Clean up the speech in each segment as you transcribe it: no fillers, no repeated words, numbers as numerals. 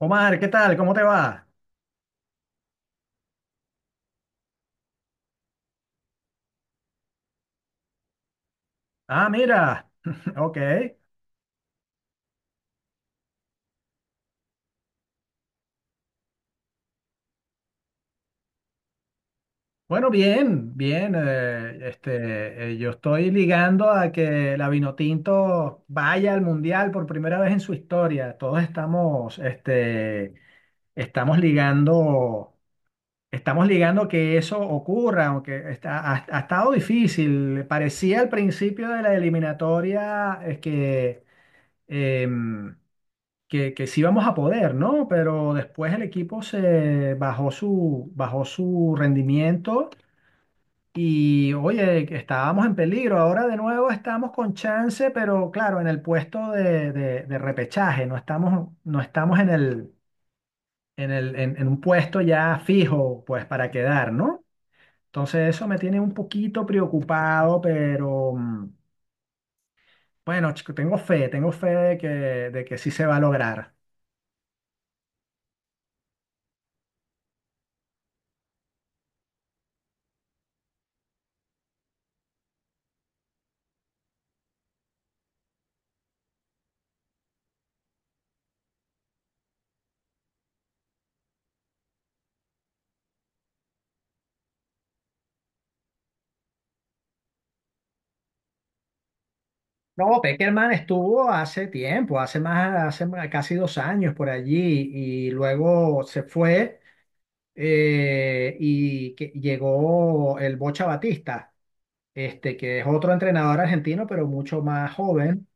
Omar, ¿qué tal? ¿Cómo te va? Ah, mira. Ok. Bueno, bien, bien. Yo estoy ligando a que la Vinotinto vaya al Mundial por primera vez en su historia. Todos estamos, estamos ligando, estamos ligando que eso ocurra, aunque ha estado difícil. Parecía al principio de la eliminatoria, es que em, que sí vamos a poder, ¿no? Pero después el equipo bajó su rendimiento y, oye, que estábamos en peligro. Ahora de nuevo estamos con chance, pero claro, en el puesto de repechaje, no estamos en un puesto ya fijo, pues, para quedar, ¿no? Entonces eso me tiene un poquito preocupado, pero bueno, chico, tengo fe de que sí se va a lograr. No, Peckerman estuvo hace tiempo, casi 2 años por allí y luego se fue, llegó el Bocha Batista, que es otro entrenador argentino, pero mucho más joven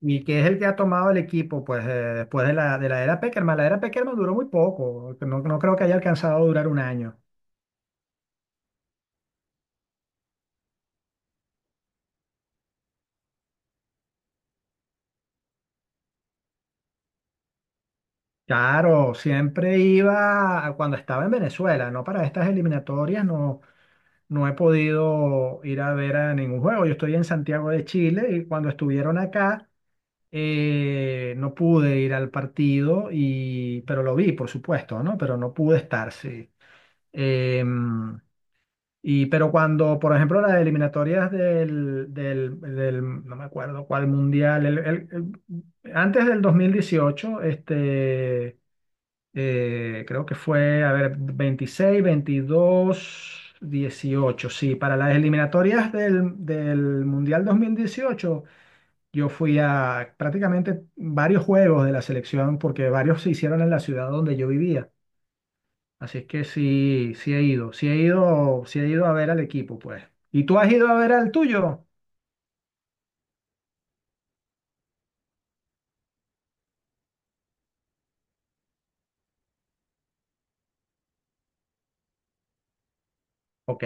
y que es el que ha tomado el equipo pues, después de de la era Peckerman. La era Peckerman duró muy poco, no, no creo que haya alcanzado a durar un año. Claro, siempre cuando estaba en Venezuela, no para estas eliminatorias, no. No he podido ir a ver a ningún juego. Yo estoy en Santiago de Chile y cuando estuvieron acá no pude ir al partido y pero lo vi, por supuesto, ¿no? Pero no pude estar, sí. Em, y pero cuando, por ejemplo, las eliminatorias no me acuerdo cuál mundial, antes del 2018, creo que fue, a ver, 26, 22, 18. Sí, para las eliminatorias del Mundial 2018, yo fui a prácticamente varios juegos de la selección porque varios se hicieron en la ciudad donde yo vivía. Así es que sí, sí he ido a ver al equipo, pues. ¿Y tú has ido a ver al tuyo? Ok.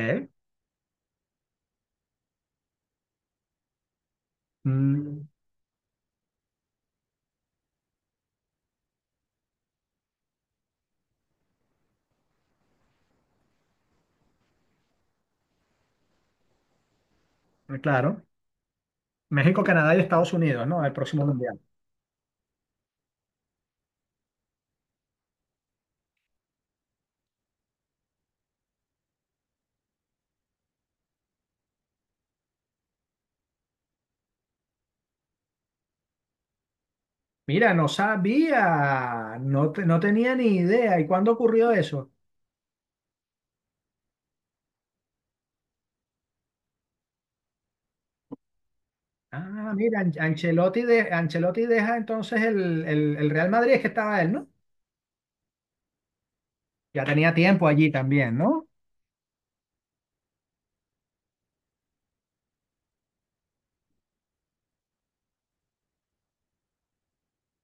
Mm, claro. México, Canadá y Estados Unidos, ¿no? El próximo Mundial. Mira, no sabía, no, no tenía ni idea. ¿Y cuándo ocurrió eso? Ah, mira, Ancelotti deja entonces el Real Madrid, es que estaba él, ¿no? Ya tenía tiempo allí también, ¿no?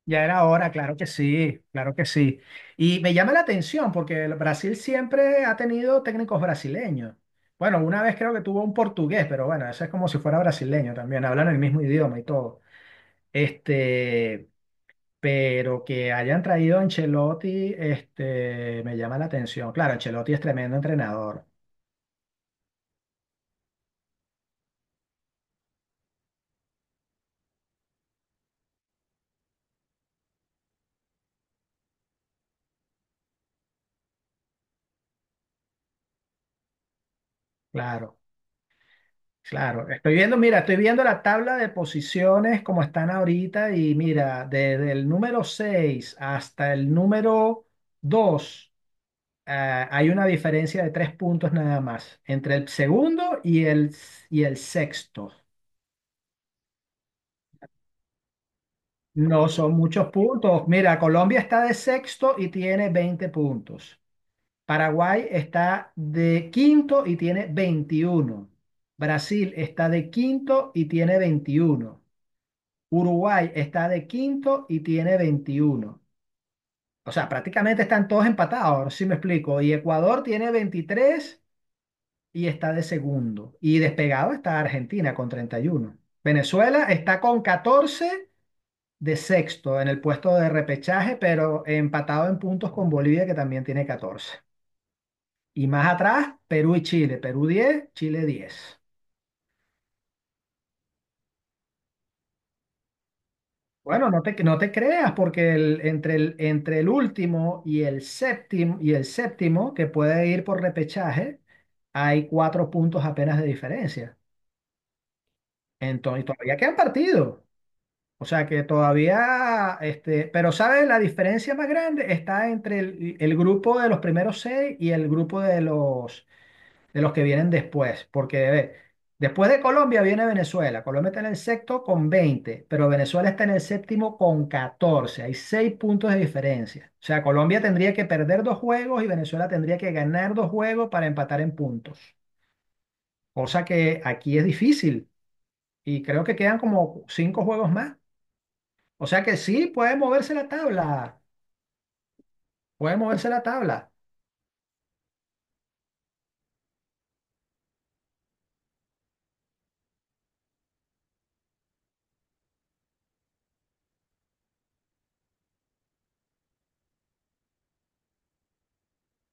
Ya era hora, claro que sí, claro que sí. Y me llama la atención porque el Brasil siempre ha tenido técnicos brasileños. Bueno, una vez creo que tuvo un portugués, pero bueno, eso es como si fuera brasileño también, hablan el mismo idioma y todo. Este. Pero que hayan traído a Ancelotti, me llama la atención. Claro, Ancelotti es tremendo entrenador. Claro, claro. Estoy viendo, mira, estoy viendo la tabla de posiciones como están ahorita y mira, desde el número 6 hasta el número dos, hay una diferencia de tres puntos nada más entre el segundo y y el sexto. No son muchos puntos. Mira, Colombia está de sexto y tiene 20 puntos. Paraguay está de quinto y tiene 21. Brasil está de quinto y tiene 21. Uruguay está de quinto y tiene 21. O sea, prácticamente están todos empatados, si me explico. Y Ecuador tiene 23 y está de segundo. Y despegado está Argentina con 31. Venezuela está con 14 de sexto en el puesto de repechaje, pero empatado en puntos con Bolivia, que también tiene 14. Y más atrás, Perú y Chile. Perú 10. Chile 10. Bueno, no te creas, porque entre entre el último y el séptimo, que puede ir por repechaje, hay cuatro puntos apenas de diferencia. Entonces, todavía quedan partidos. O sea que todavía, pero ¿sabes? La diferencia más grande está entre el grupo de los primeros seis y el grupo de los que vienen después, porque a después de Colombia viene Venezuela. Colombia está en el sexto con 20, pero Venezuela está en el séptimo con 14. Hay seis puntos de diferencia. O sea, Colombia tendría que perder dos juegos y Venezuela tendría que ganar dos juegos para empatar en puntos, cosa que aquí es difícil y creo que quedan como cinco juegos más. O sea que sí, puede moverse la tabla, puede moverse la tabla.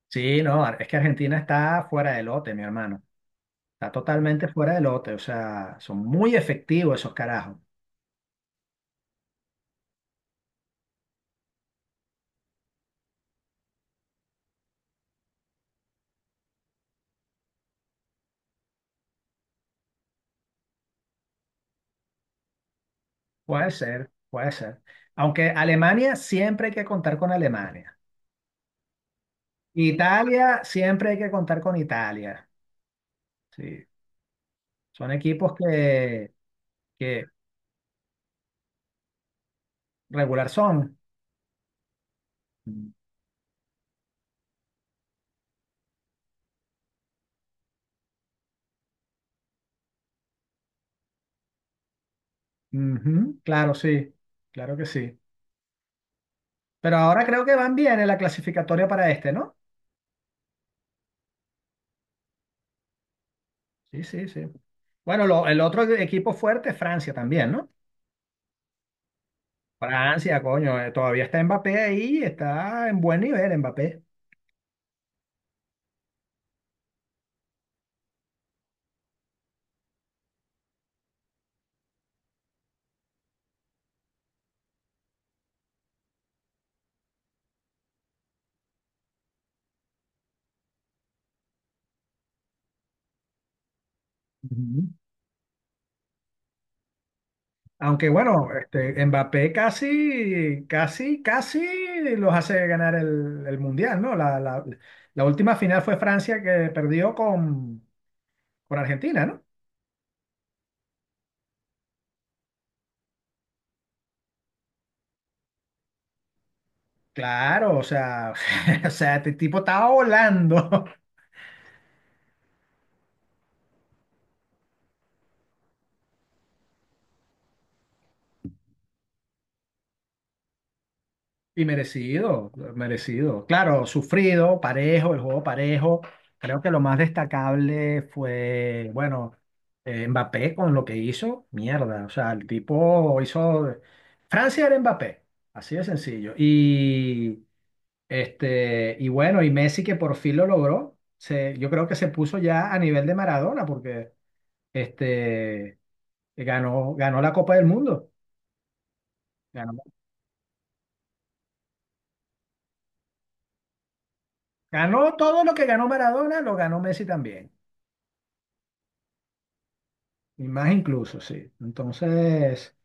Sí, no, es que Argentina está fuera de lote, mi hermano. Está totalmente fuera de lote, o sea, son muy efectivos esos carajos. Puede ser, puede ser. Aunque Alemania siempre hay que contar con Alemania. Italia siempre hay que contar con Italia. Sí, son equipos que regular son. Ujú, claro, sí, claro que sí. Pero ahora creo que van bien en la clasificatoria para este, ¿no? Sí, sí, sí. Bueno, el otro equipo fuerte es Francia también, ¿no? Francia, coño, todavía está Mbappé ahí, está en buen nivel Mbappé. Ujú. Aunque bueno, Mbappé casi, casi, casi los hace ganar el Mundial, ¿no? La última final fue Francia que perdió con Argentina, ¿no? Claro, o sea, o sea, este tipo estaba volando. Y merecido, merecido. Claro, sufrido, parejo, el juego parejo. Creo que lo más destacable fue, bueno, Mbappé con lo que hizo, mierda. O sea, el tipo hizo... Francia era Mbappé, así de sencillo. Y bueno, y Messi que por fin lo logró. Yo creo que se puso ya a nivel de Maradona porque este, ganó la Copa del Mundo. Ganó, ganó todo lo que ganó Maradona, lo ganó Messi también. Y más incluso, sí. Entonces,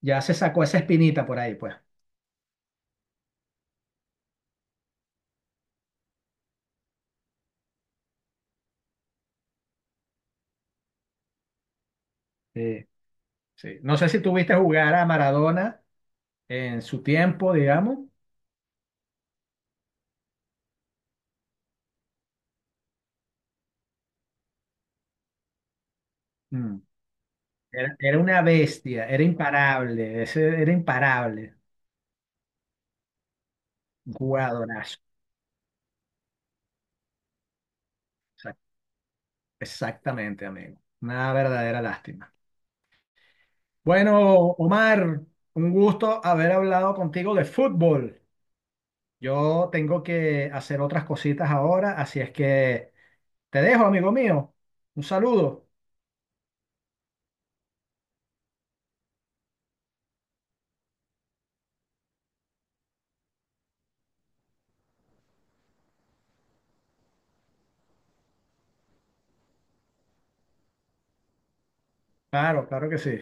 ya se sacó esa espinita por ahí, pues. Sí, sí. No sé si tuviste jugar a Maradona en su tiempo, digamos. Mm. Era una bestia, era imparable, ese era imparable, un jugadorazo. Exa- Exactamente, amigo. Una verdadera lástima. Bueno, Omar, un gusto haber hablado contigo de fútbol. Yo tengo que hacer otras cositas ahora, así es que te dejo, amigo mío. Un saludo. Claro, claro que sí.